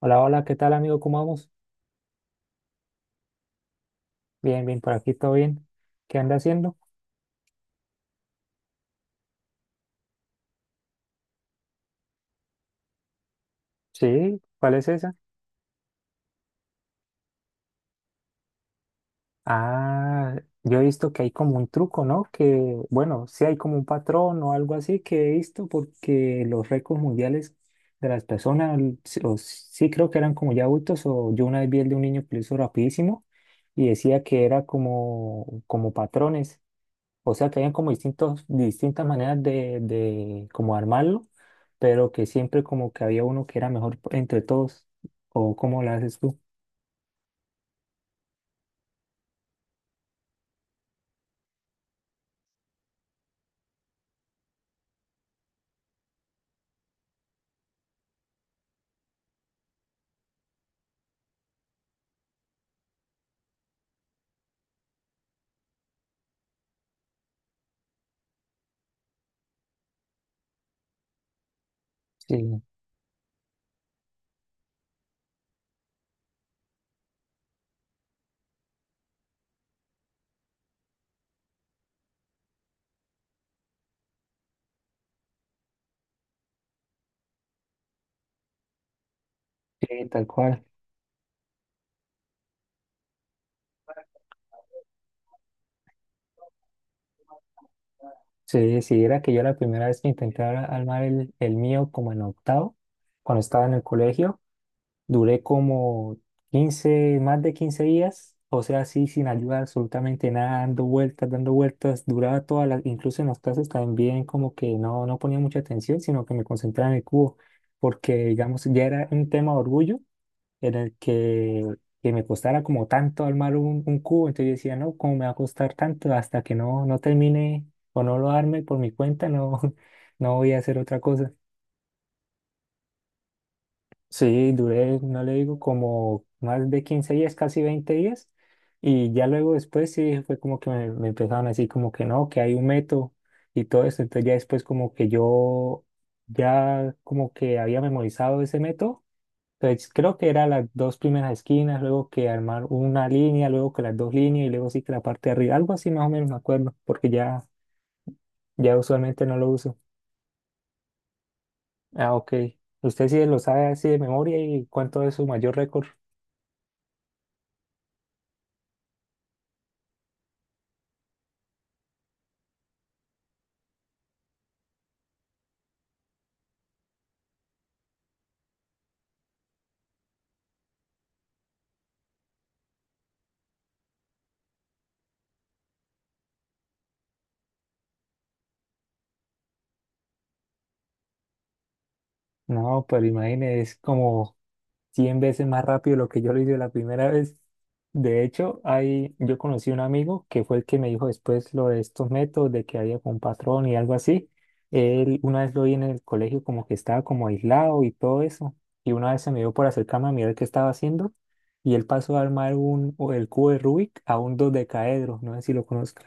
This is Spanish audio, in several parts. Hola, hola, ¿qué tal amigo? ¿Cómo vamos? Bien, bien, por aquí todo bien. ¿Qué anda haciendo? Sí, ¿cuál es esa? Ah, yo he visto que hay como un truco, ¿no? Que, bueno, sí hay como un patrón o algo así que he visto porque los récords mundiales de las personas, sí o sí creo que eran como ya adultos o yo una vez vi el de un niño que lo hizo rapidísimo y decía que era como, patrones. O sea que habían como distintos, distintas maneras de como armarlo, pero que siempre como que había uno que era mejor entre todos. ¿O cómo lo haces tú? Sí, sí, tal cual. Sí, sí, era que yo la primera vez que armar el mío como en octavo, cuando estaba en el colegio. Duré como 15 más de 15 días, o sea, así sin ayuda absolutamente nada, dando vueltas, duraba todas las, incluso en las clases también como que no, no ponía mucha atención, sino que me concentraba en el cubo, porque digamos ya era un tema de orgullo en el que me costara como tanto armar un cubo, entonces yo decía, no, ¿cómo me va a costar tanto? Hasta que no, no termine o no lo arme por mi cuenta, no, no voy a hacer otra cosa. Sí, duré, no le digo, como más de 15 días, casi 20 días. Y ya luego después sí fue como que me empezaron así como que no, que hay un método y todo eso. Entonces ya después como que yo ya como que había memorizado ese método. Entonces creo que era las dos primeras esquinas, luego que armar una línea, luego que las dos líneas y luego sí que la parte de arriba. Algo así más o menos me acuerdo, porque ya usualmente no lo uso. Ah, ok. ¿Usted sí lo sabe así de memoria y cuánto es su mayor récord? No, pero imagínese, es como 100 veces más rápido lo que yo lo hice la primera vez. De hecho, yo conocí un amigo que fue el que me dijo después lo de estos métodos, de que había como un patrón y algo así. Él una vez lo vi en el colegio como que estaba como aislado y todo eso. Y una vez se me dio por acercarme a mirar qué estaba haciendo. Y él pasó a armar o el cubo de Rubik a un dodecaedro. No sé si lo conozco.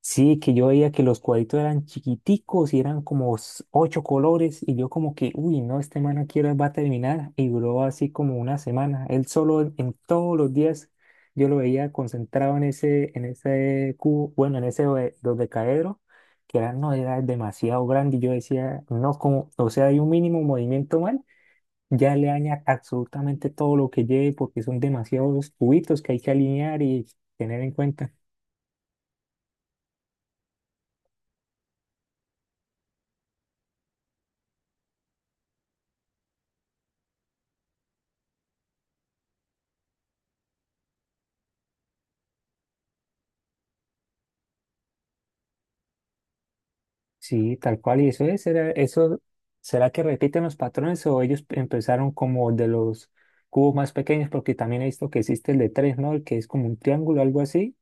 Sí, que yo veía que los cuadritos eran chiquiticos y eran como ocho colores y yo como que, uy, no, este man aquí va a terminar y duró así como una semana. Él solo en todos los días yo lo veía concentrado en ese cubo, bueno, en ese dodecaedro, que era, no, era demasiado grande y yo decía, no, como, o sea, hay un mínimo movimiento mal, ya le daña absolutamente todo lo que lleve porque son demasiados cubitos que hay que alinear y tener en cuenta. Sí, tal cual, y eso será, eso, ¿será que repiten los patrones o ellos empezaron como de los cubos más pequeños? Porque también he visto que existe el de tres, ¿no? El que es como un triángulo, algo así,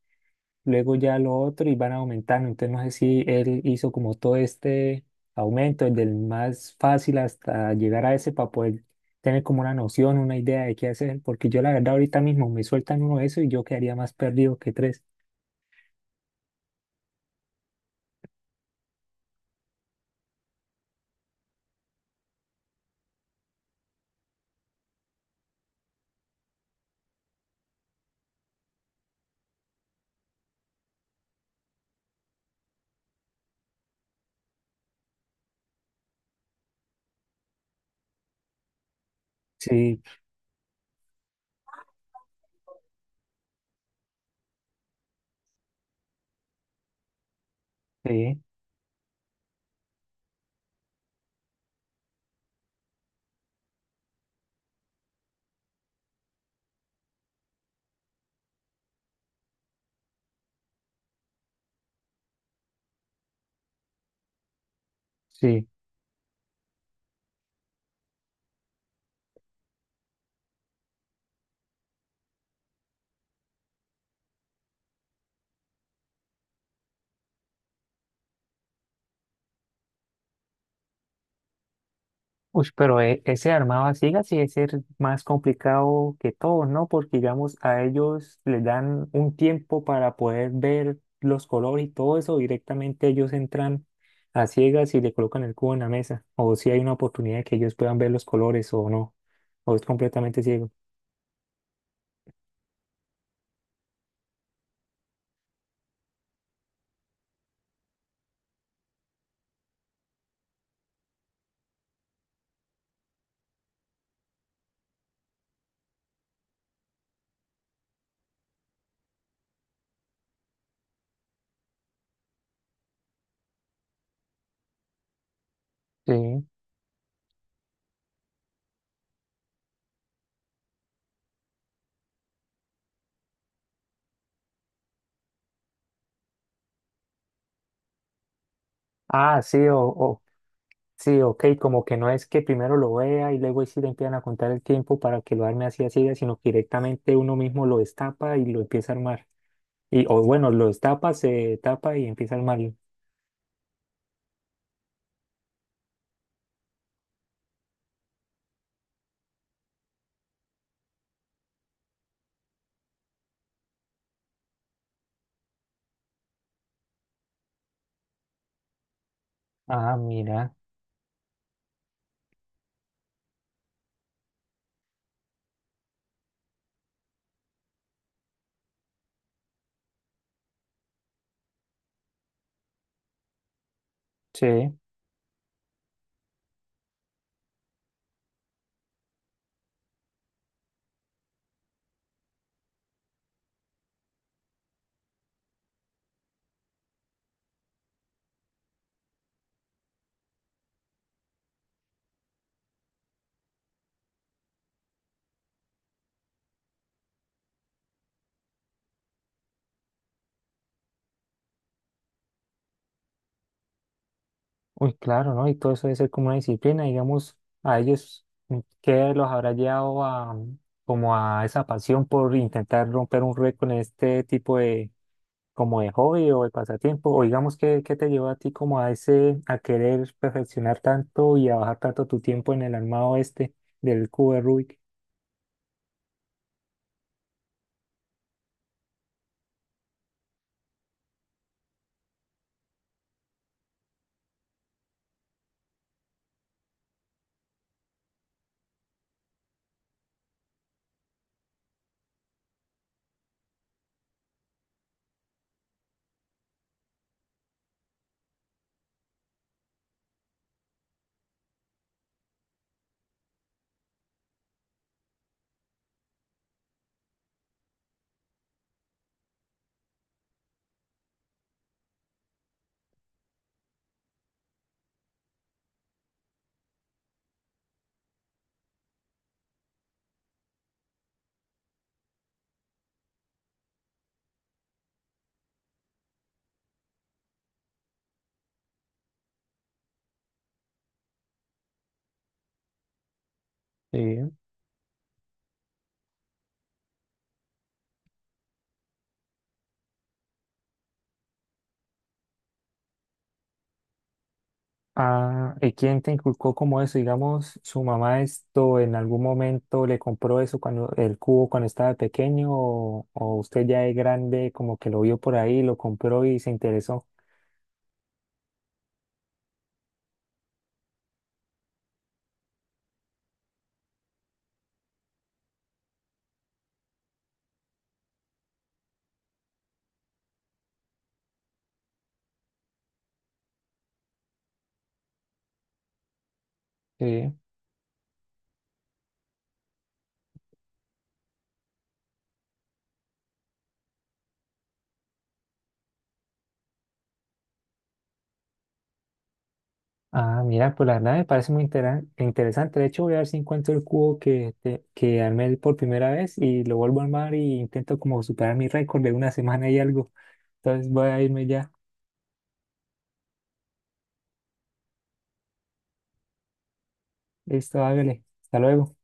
luego ya lo otro y van aumentando. Entonces no sé si él hizo como todo este aumento, el del más fácil hasta llegar a ese para poder tener como una noción, una idea de qué hacer, porque yo la verdad ahorita mismo me sueltan uno de eso y yo quedaría más perdido que tres. Sí, sí, sí. Uy, pero ese armado a ciegas sí es ser más complicado que todos, ¿no? Porque, digamos, a ellos les dan un tiempo para poder ver los colores y todo eso. Directamente ellos entran a ciegas y le colocan el cubo en la mesa. O si hay una oportunidad de que ellos puedan ver los colores o no. O es completamente ciego. Sí. Ah, sí, sí, ok. Como que no es que primero lo vea y luego ahí sí le empiezan a contar el tiempo para que lo arme así a ciegas, sino que directamente uno mismo lo destapa y lo empieza a armar. Y, o bueno, los tapa, se tapa y empieza el Mario. Ah, mira, sí. Uy, claro, ¿no? Y todo eso debe ser como una disciplina, digamos, a ellos, ¿qué los habrá llevado a, como a esa pasión por intentar romper un récord en este tipo de, como de hobby o de pasatiempo? O digamos, ¿qué te llevó a ti como a ese, a querer perfeccionar tanto y a bajar tanto tu tiempo en el armado este del cubo de Rubik? Sí. Ah, ¿y quién te inculcó como eso? Digamos, su mamá esto en algún momento le compró eso cuando el cubo cuando estaba pequeño o usted ya de grande como que lo vio por ahí, lo compró y se interesó. Sí. Ah, mira, pues la verdad me parece muy interesante. De hecho, voy a ver si encuentro el cubo que armé por primera vez y lo vuelvo a armar y intento como superar mi récord de una semana y algo. Entonces voy a irme ya. Listo, hágale. Hasta luego.